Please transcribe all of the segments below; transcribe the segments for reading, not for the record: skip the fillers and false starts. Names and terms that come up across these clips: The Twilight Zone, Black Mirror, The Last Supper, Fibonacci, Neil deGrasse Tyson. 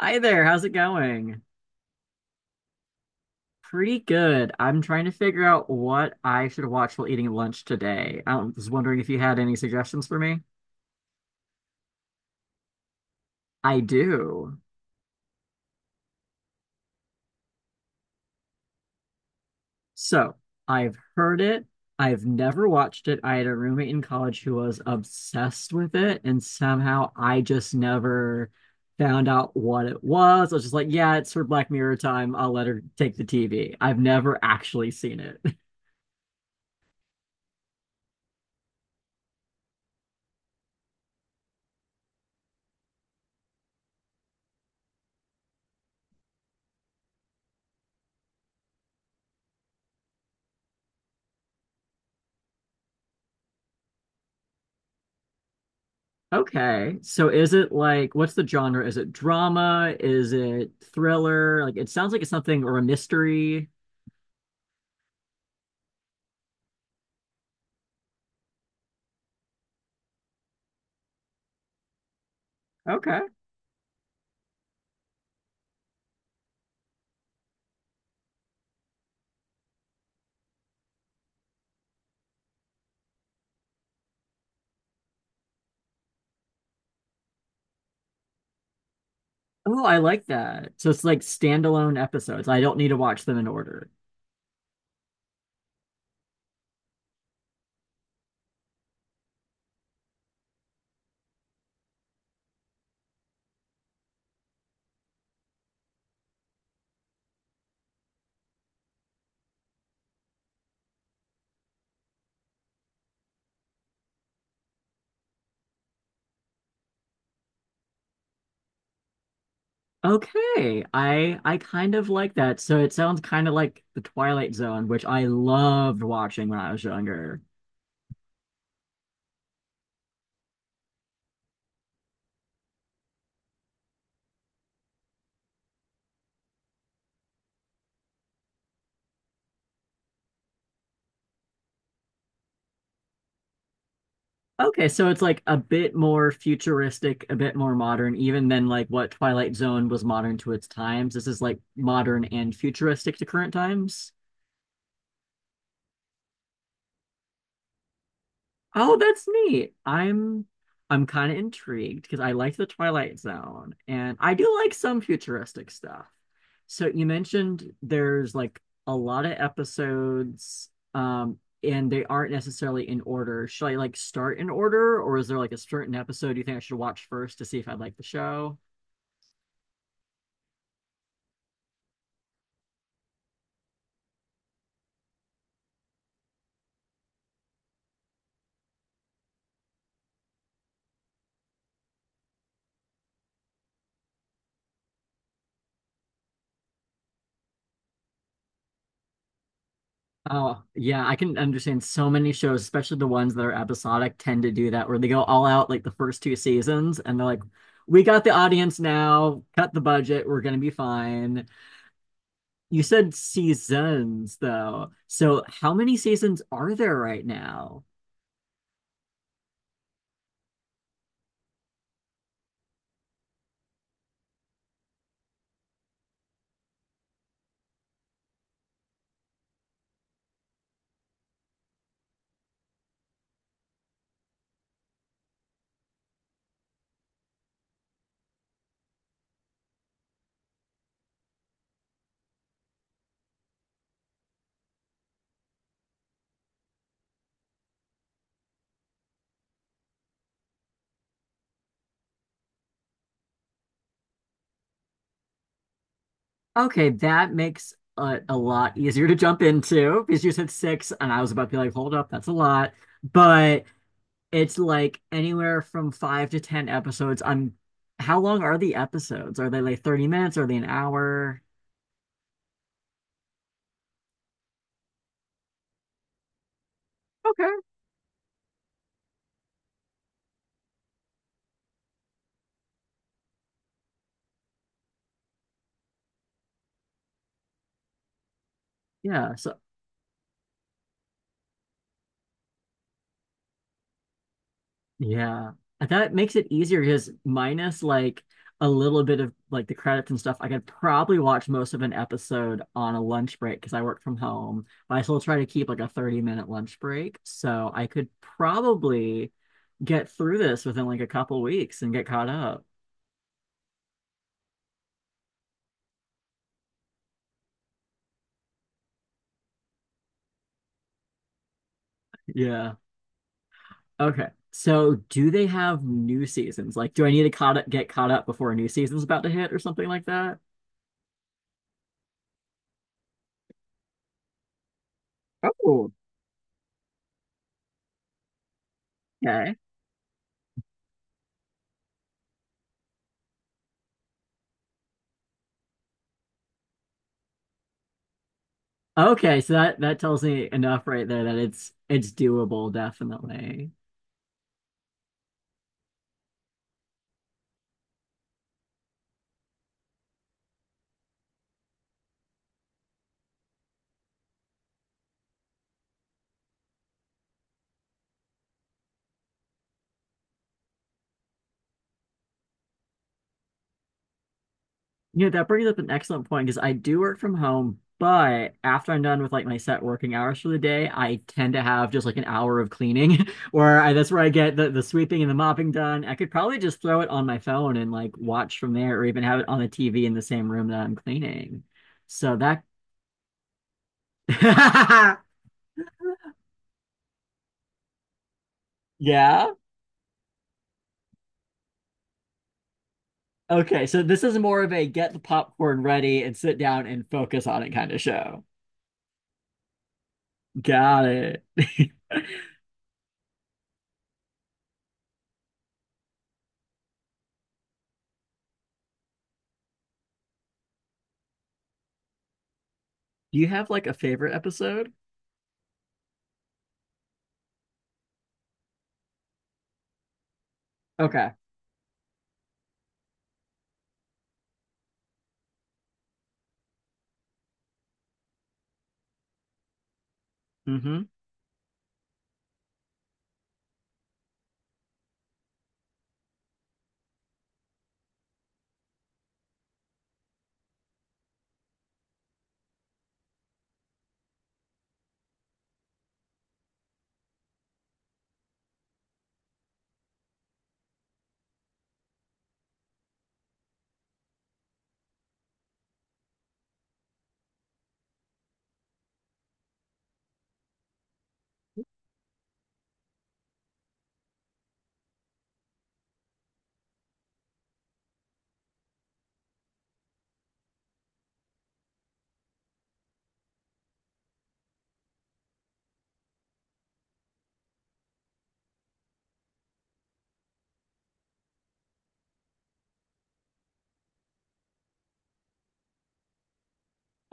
Hi there, how's it going? Pretty good. I'm trying to figure out what I should watch while eating lunch today. I was wondering if you had any suggestions for me. I do. So, I've heard it. I've never watched it. I had a roommate in college who was obsessed with it, and somehow I just never found out what it was. I was just like, yeah, it's for Black Mirror time. I'll let her take the TV. I've never actually seen it. Okay. So is it like what's the genre? Is it drama? Is it thriller? Like it sounds like it's something or a mystery. Okay. Oh, I like that. So it's like standalone episodes. I don't need to watch them in order. Okay. I kind of like that. So it sounds kind of like The Twilight Zone, which I loved watching when I was younger. Okay, so it's like a bit more futuristic, a bit more modern, even than like what Twilight Zone was modern to its times. This is like modern and futuristic to current times. Oh, that's neat. I'm kind of intrigued because I liked the Twilight Zone and I do like some futuristic stuff. So you mentioned there's like a lot of episodes and they aren't necessarily in order. Should I like start in order or is there like a certain episode you think I should watch first to see if I like the show? Oh, yeah, I can understand so many shows, especially the ones that are episodic, tend to do that where they go all out like the first two seasons and they're like, we got the audience now, cut the budget, we're gonna be fine. You said seasons though. So how many seasons are there right now? Okay, that makes a lot easier to jump into because you said six and I was about to be like, hold up, that's a lot. But it's like anywhere from five to ten episodes. I'm how long are the episodes? Are they like 30 minutes? Are they an hour? Okay. Yeah. So yeah. And that makes it easier because minus like a little bit of like the credits and stuff, I could probably watch most of an episode on a lunch break because I work from home. But I still try to keep like a 30-minute lunch break. So I could probably get through this within like a couple weeks and get caught up. Yeah. Okay. So do they have new seasons? Like, do I need to caught up, get caught up before a new season's about to hit or something like that? Oh, okay. Okay, so that that tells me enough right there that it's doable, definitely. You know, that brings up an excellent point because I do work from home, but after I'm done with like my set working hours for the day, I tend to have just like an hour of cleaning where I, that's where I get the sweeping and the mopping done. I could probably just throw it on my phone and like watch from there or even have it on the TV in the same room that I'm cleaning. So that, yeah. Okay. So this is more of a get the popcorn ready and sit down and focus on it kind of show. Got it. Do you have like a favorite episode? Okay. Hmm.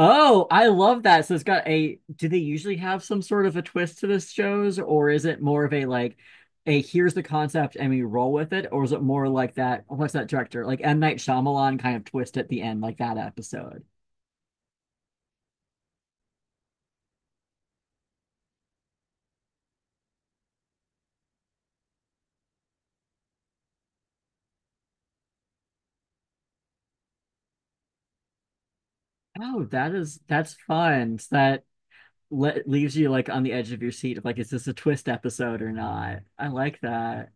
Oh, I love that. So it's got a, do they usually have some sort of a twist to this shows, or is it more of a like a here's the concept and we roll with it, or is it more like that, what's that director? Like M. Night Shyamalan kind of twist at the end, like that episode. Oh, that is that's fun. So that le leaves you like on the edge of your seat of like, is this a twist episode or not? I like that.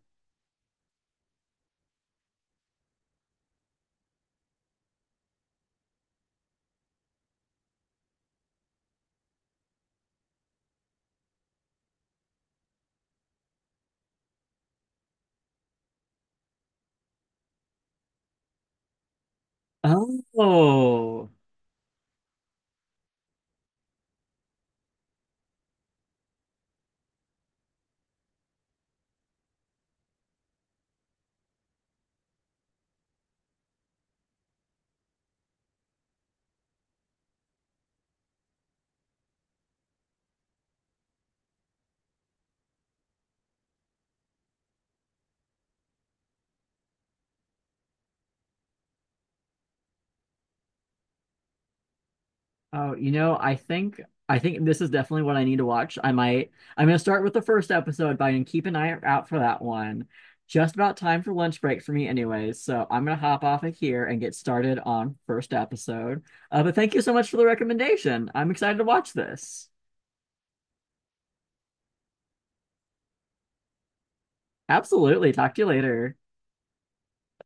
Oh. Oh, you know, I think this is definitely what I need to watch. I might I'm gonna start with the first episode, but I can keep an eye out for that one. Just about time for lunch break for me anyways, so I'm gonna hop off of here and get started on first episode. But thank you so much for the recommendation. I'm excited to watch this. Absolutely. Talk to you later.